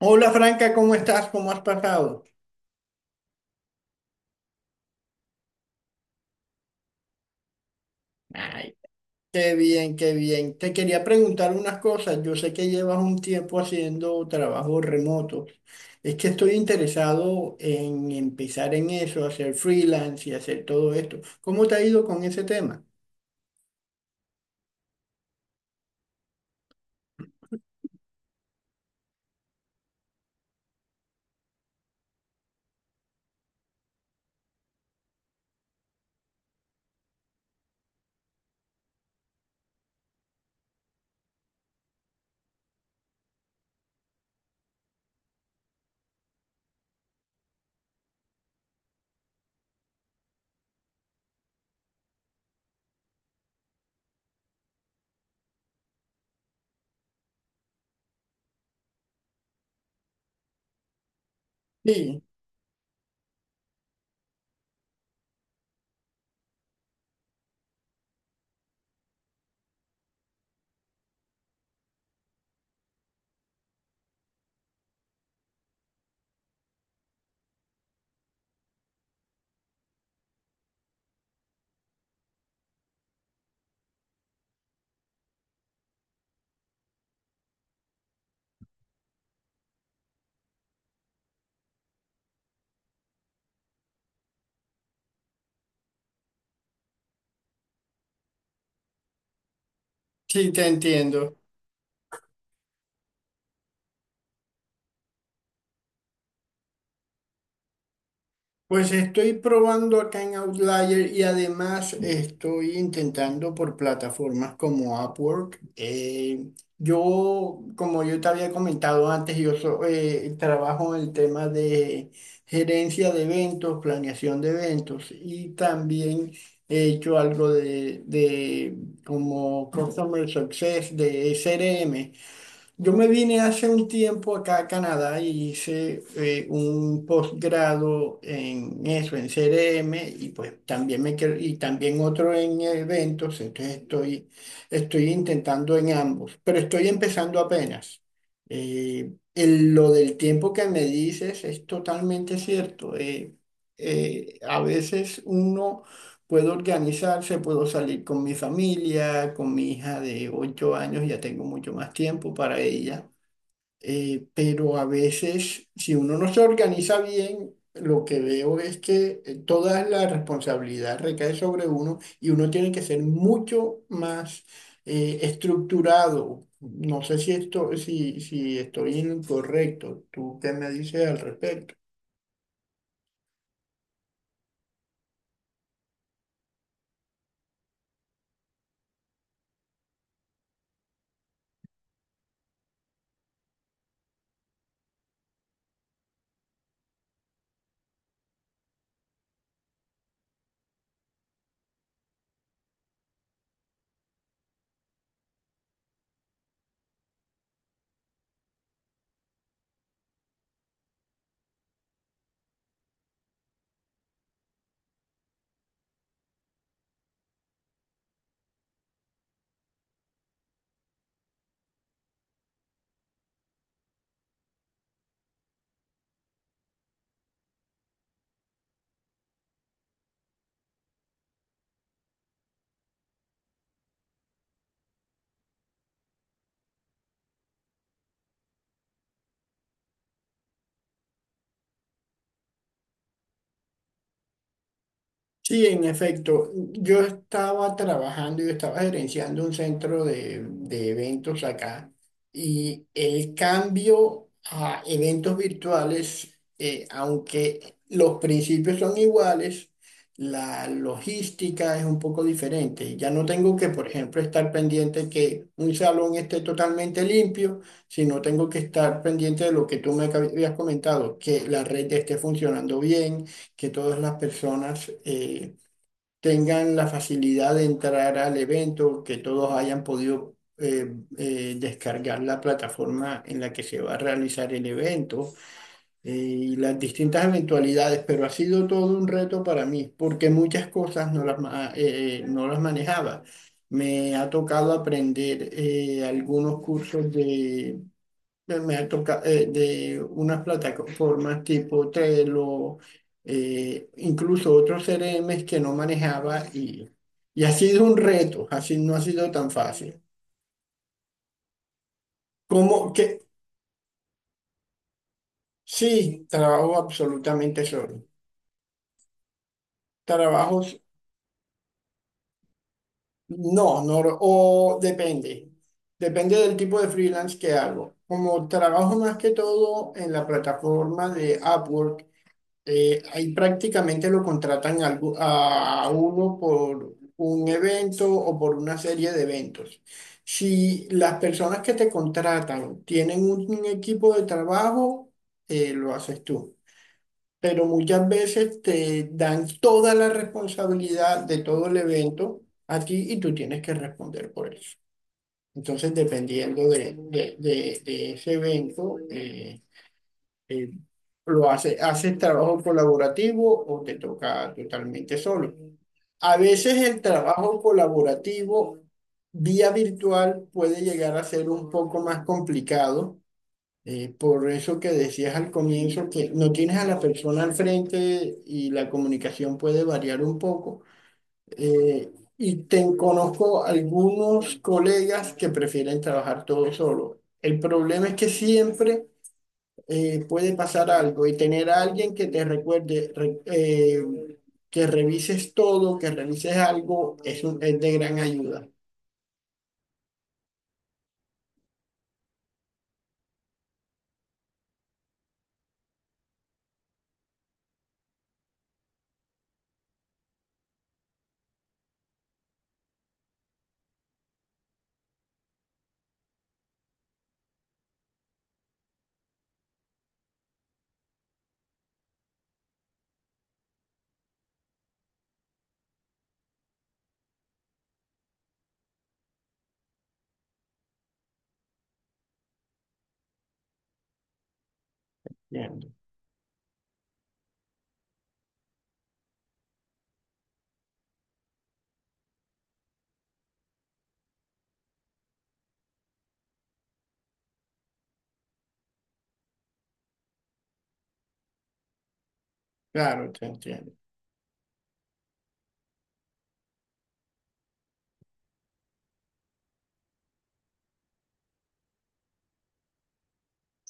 Hola Franca, ¿cómo estás? ¿Cómo has pasado? Ay, qué bien, qué bien. Te quería preguntar unas cosas. Yo sé que llevas un tiempo haciendo trabajos remotos. Es que estoy interesado en empezar en eso, hacer freelance y hacer todo esto. ¿Cómo te ha ido con ese tema? Sí, sí, te entiendo. Pues estoy probando acá en Outlier y además estoy intentando por plataformas como Upwork. Yo, como yo te había comentado antes, trabajo en el tema de gerencia de eventos, planeación de eventos y también he hecho algo de como Customer Success de CRM. Yo me vine hace un tiempo acá a Canadá y hice un posgrado en eso, en CRM, y pues también y también otro en eventos, entonces estoy intentando en ambos, pero estoy empezando apenas. Lo del tiempo que me dices es totalmente cierto. A veces uno puedo organizarse, puedo salir con mi familia, con mi hija de 8 años, ya tengo mucho más tiempo para ella. Pero a veces, si uno no se organiza bien, lo que veo es que toda la responsabilidad recae sobre uno y uno tiene que ser mucho más estructurado. No sé si esto, si estoy incorrecto. ¿Tú qué me dices al respecto? Sí, en efecto, yo estaba trabajando, yo estaba gerenciando un centro de eventos acá y el cambio a eventos virtuales, aunque los principios son iguales, la logística es un poco diferente. Ya no tengo que, por ejemplo, estar pendiente que un salón esté totalmente limpio, sino tengo que estar pendiente de lo que tú me habías comentado, que la red esté funcionando bien, que todas las personas tengan la facilidad de entrar al evento, que todos hayan podido descargar la plataforma en la que se va a realizar el evento, y las distintas eventualidades, pero ha sido todo un reto para mí, porque muchas cosas no las manejaba. Me ha tocado aprender algunos cursos me ha tocado de unas plataformas tipo Trello, incluso otros CRMs que no manejaba y ha sido un reto, así no ha sido tan fácil. Como que sí, trabajo absolutamente solo. Trabajos, no, no, o depende. Depende del tipo de freelance que hago. Como trabajo más que todo en la plataforma de Upwork, ahí prácticamente lo contratan a uno por un evento o por una serie de eventos. Si las personas que te contratan tienen un equipo de trabajo, lo haces tú. Pero muchas veces te dan toda la responsabilidad de todo el evento a ti y tú tienes que responder por eso. Entonces, dependiendo de ese evento, eh, lo hace, haces trabajo colaborativo o te toca totalmente solo. A veces el trabajo colaborativo vía virtual puede llegar a ser un poco más complicado. Por eso que decías al comienzo que no tienes a la persona al frente y la comunicación puede variar un poco. Y te conozco algunos colegas que prefieren trabajar todo solo. El problema es que siempre puede pasar algo y tener a alguien que te recuerde, que revises todo, que revises algo, es, es de gran ayuda. Entiendo. Claro, te entiendo.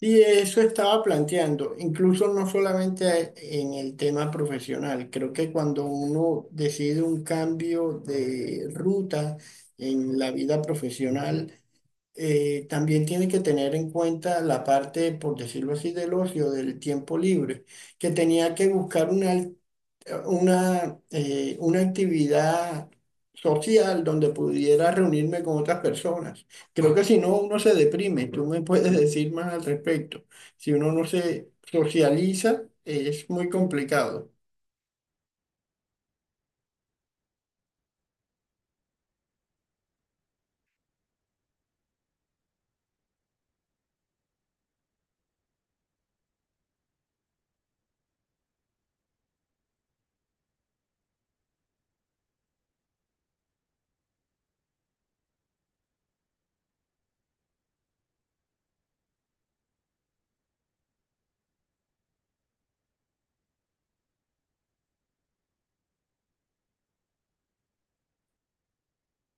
Y eso estaba planteando, incluso no solamente en el tema profesional, creo que cuando uno decide un cambio de ruta en la vida profesional, también tiene que tener en cuenta la parte, por decirlo así, del ocio, del tiempo libre, que tenía que buscar una actividad social donde pudiera reunirme con otras personas. Creo que si no, uno se deprime. Tú me puedes decir más al respecto. Si uno no se socializa, es muy complicado.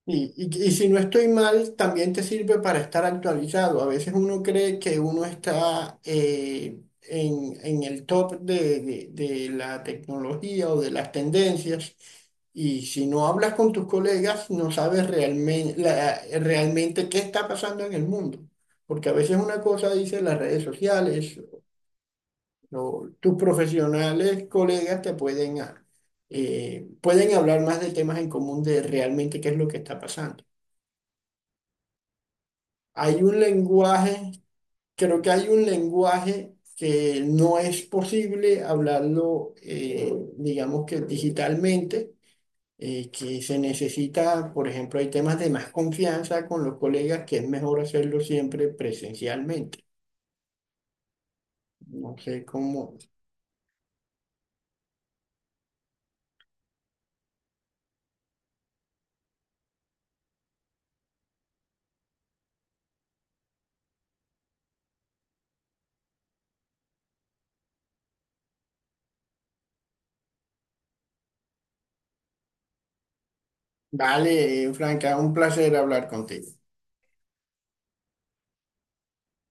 Y si no estoy mal, también te sirve para estar actualizado. A veces uno cree que uno está en el top de la tecnología o de las tendencias. Y si no hablas con tus colegas, no sabes realmente qué está pasando en el mundo. Porque a veces una cosa dice las redes sociales, o tus profesionales, colegas te pueden, pueden hablar más de temas en común de realmente qué es lo que está pasando. Hay un lenguaje, creo que hay un lenguaje que no es posible hablarlo, digamos que digitalmente, que se necesita, por ejemplo, hay temas de más confianza con los colegas que es mejor hacerlo siempre presencialmente. No sé cómo. Vale, Franca, un placer hablar contigo.